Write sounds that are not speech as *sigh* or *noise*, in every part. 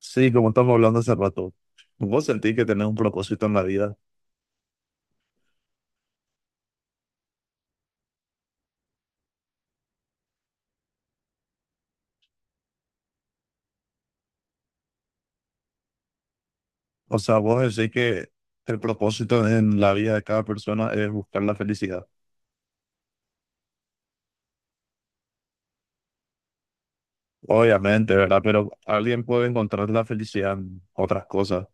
Sí, como estamos hablando hace rato, vos sentís que tenés un propósito en la vida. O sea, vos decís que el propósito en la vida de cada persona es buscar la felicidad. Obviamente, ¿verdad? Pero alguien puede encontrar la felicidad en otras cosas.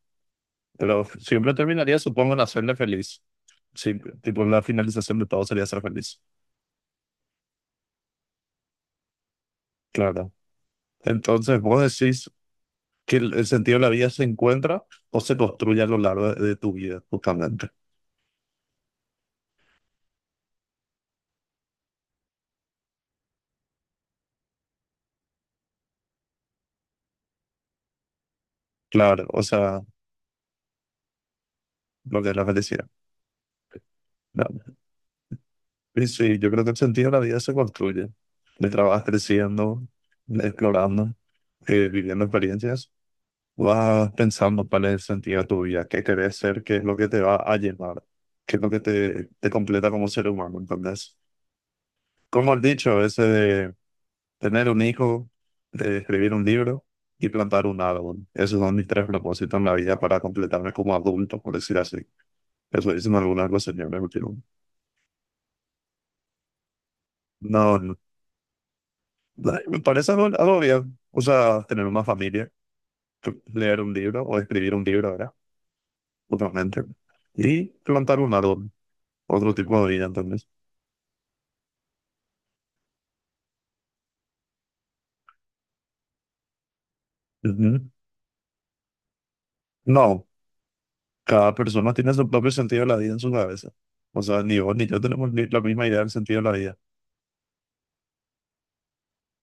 Pero siempre terminaría, supongo, en hacerle feliz. Sí, tipo, la finalización de todo sería ser feliz. Claro. Entonces, vos decís que el sentido de la vida se encuentra o se construye a lo largo de tu vida, justamente. Claro, o sea, lo que es la felicidad, ¿no? Sí, sí, yo creo que el sentido de la vida se construye. Le trabajas creciendo, explorando, viviendo experiencias. Vas pensando cuál es el sentido de tu vida, qué querés ser, qué es lo que te va a llenar, qué es lo que te completa como ser humano. Entonces, como has dicho, ese de tener un hijo, de escribir un libro y plantar un árbol. Esos son mis tres propósitos en la vida para completarme como adulto, por decir así. Eso dicen algunas de los señores. Pero no, no, ay, me parece algo, algo bien. O sea, tener una familia, leer un libro o escribir un libro, ¿verdad? Totalmente. Y plantar un árbol, otro tipo de vida, entonces. Ujú. No, cada persona tiene su propio sentido de la vida en su cabeza. O sea, ni vos ni yo tenemos la misma idea del sentido de la vida.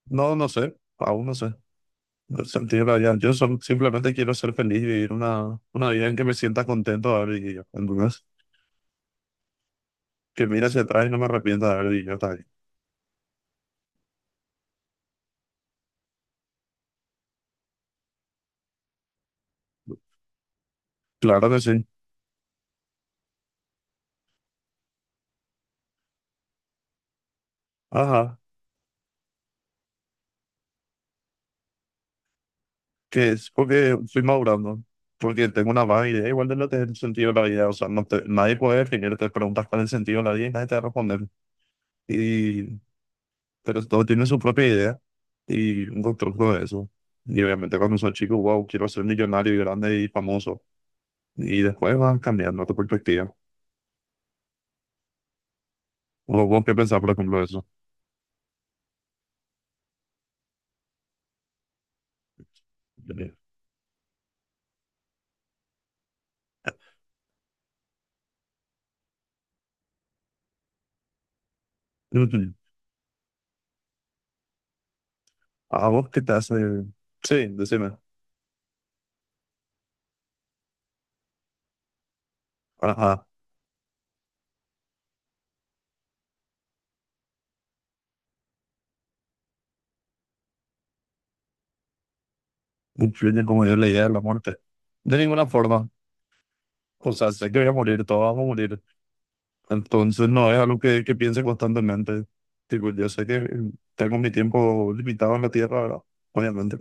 No, no sé, aún no sé. El sentido de la vida. Simplemente quiero ser feliz y vivir una vida en que me sienta contento de haber vivido. Entonces, que mira hacia atrás y no me arrepienta de haber vivido, está bien. Claro que sí. Ajá. Que es porque estoy madurando, porque tengo una vaga idea igual de lo que es el sentido de la vida, o sea, nadie puede definirte, preguntas cuál es el sentido de la vida y nadie te va a responder, y, pero todo tiene su propia idea y un constructo de eso. Y obviamente cuando soy chico, wow, quiero ser millonario y grande y famoso, y después vas cambiando tu perspectiva. ¿Vos qué pensás, por ejemplo, de eso? *laughs* Ujú. ¿A vos qué te hace? Sí, decime. Ajá, influye como yo la idea de la muerte. De ninguna forma. O sea, sé que voy a morir, todos vamos a morir. Entonces, no es algo que piense constantemente. Tipo, yo sé que tengo mi tiempo limitado en la tierra, ¿verdad? Obviamente.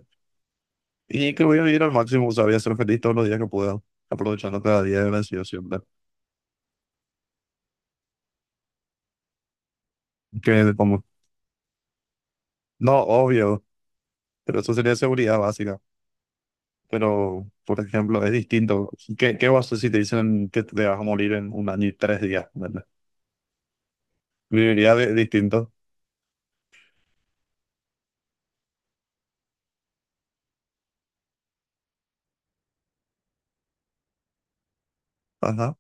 Y que voy a vivir al máximo, o sea, voy a ser feliz todos los días que pueda, aprovechando cada día y agradecido siempre. Que como, no, obvio, pero eso sería seguridad básica. Pero, por ejemplo, es distinto. ¿Qué vas a hacer si te dicen que te vas a morir en un año y tres días? ¿Verdad? Distinto. Ajá.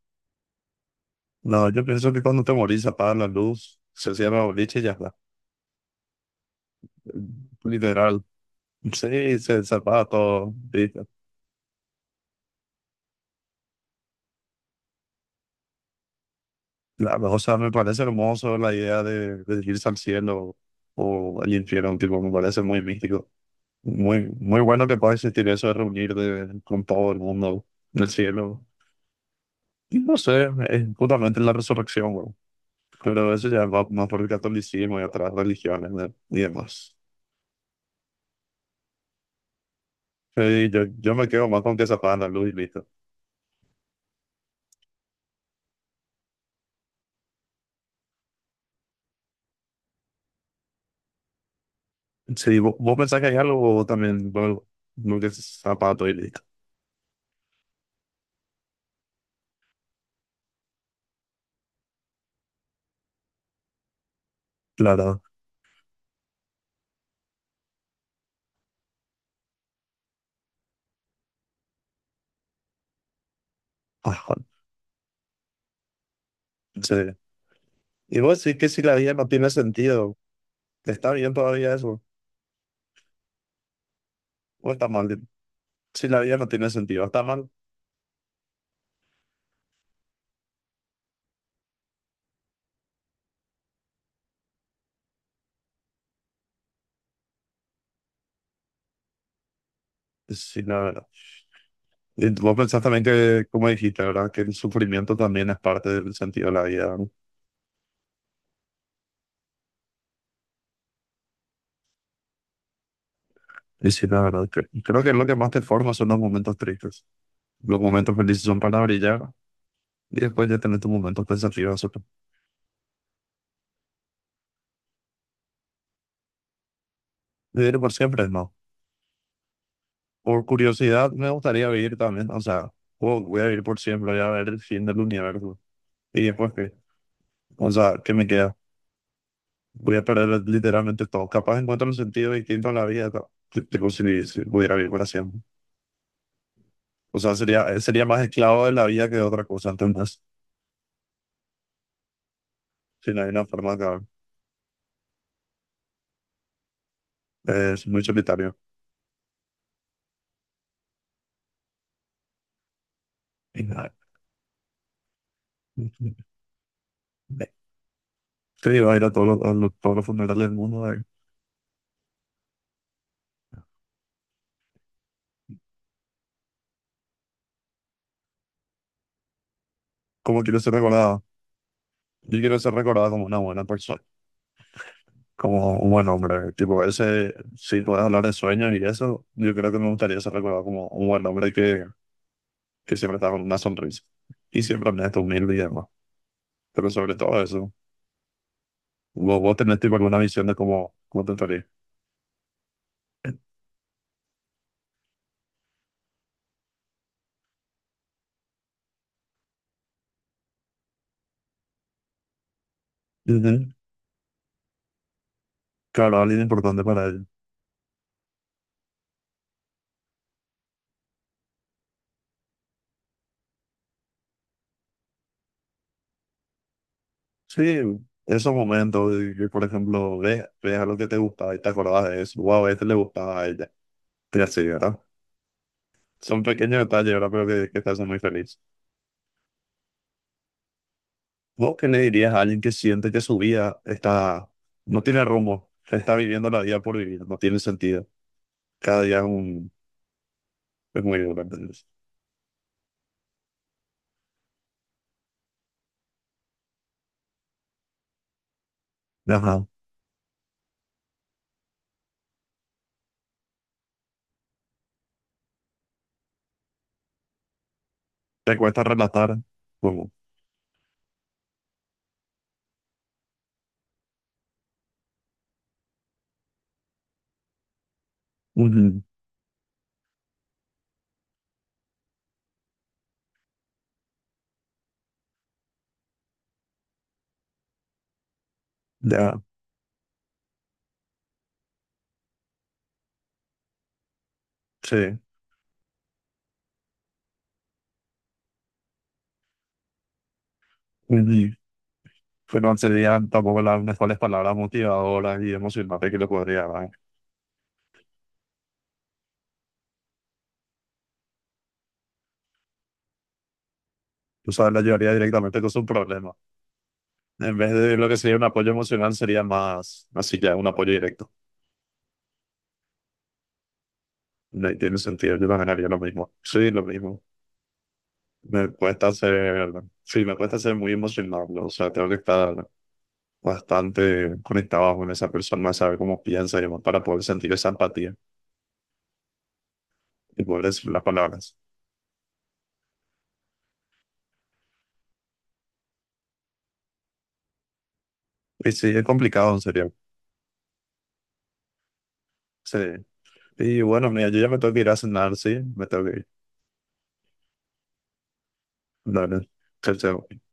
No, yo pienso que cuando te morís, apagas la luz, se cierra el boliche y ya está. Literal. Sí, zapatos. Sí. La, o sea, me parece hermoso la idea de irse al cielo o al infierno, tipo, me parece muy místico. Muy, muy bueno que pueda existir eso de con todo el mundo en el cielo. Y no sé, es justamente la resurrección, güey. Pero eso ya va más por el catolicismo y otras religiones, ¿no? Y demás. Sí, yo me quedo más con que se apagan la luz y listo. Sí, vos pensás que hay algo o también, bueno, no que es zapato y listo. Claro. Ah, sí. Y vos sí que si la vida no tiene sentido, está bien todavía eso, o está mal. Si la vida no tiene sentido, está mal. Sí, la verdad. Y vos pensás también que, como dijiste, ¿verdad? Que el sufrimiento también es parte del sentido de la vida, ¿no? Y sí, la verdad. Creo que lo que más te forma son los momentos tristes. Los momentos felices son para brillar y después ya tener tus momentos pensativos, ¿no? Vivir por siempre, no. Por curiosidad, me gustaría vivir también. O sea, wow, voy a vivir por siempre, voy a ver el fin del universo. Y después, ¿qué? O sea, ¿qué me queda? Voy a perder literalmente todo. Capaz encuentro un sentido distinto en la vida, que si, si pudiera vivir para siempre. O sea, sería, sería más esclavo de la vida que de otra cosa, entonces, si no hay una forma de acabar. Es muy solitario. Y nada. *laughs* Te digo, ir a todos los, todos los funerales del mundo, de cómo quiero ser recordado. Yo quiero ser recordado como una buena persona, como un buen hombre. Tipo, ese, si puedes hablar de sueños y eso, yo creo que me gustaría ser recordado como un buen hombre que siempre está con una sonrisa. Y siempre me humilde y demás. Pero sobre todo eso, vos tenés tipo alguna visión de cómo, cómo te estaría. Ujú. Claro, alguien importante para ellos. Sí, esos momentos de que, por ejemplo, ves a lo que te gusta y te acordás de eso, wow, a este le gustaba a ella, y así, ¿verdad? Son pequeños detalles, ¿verdad? Pero que te hacen muy feliz. ¿Vos qué le dirías a alguien que siente que su vida está, no tiene rumbo, está viviendo la vida por vivir, no tiene sentido? Cada día es, un, es muy duro, ¿entendés? Ajá. Te cuesta relatar, como, ujú, ya, sí. Y fue consideran tampoco las mejores palabras motivadoras y emocionantes que le podría dar. Tú sabes, la llevaría directamente con su problema. En vez de lo que sería un apoyo emocional, sería más así ya, un apoyo directo. No tiene sentido, yo también haría lo mismo. Sí, lo mismo. Me cuesta ser, sí, me cuesta ser muy emocional, ¿no? O sea, tengo que estar bastante conectado con esa persona, saber cómo piensa y demás, para poder sentir esa empatía y poder decir las palabras. Y sí, es complicado, en serio. Sí, y bueno, mira, yo ya me tengo que ir a cenar, sí, me tengo que ir. Dale, chao, chao.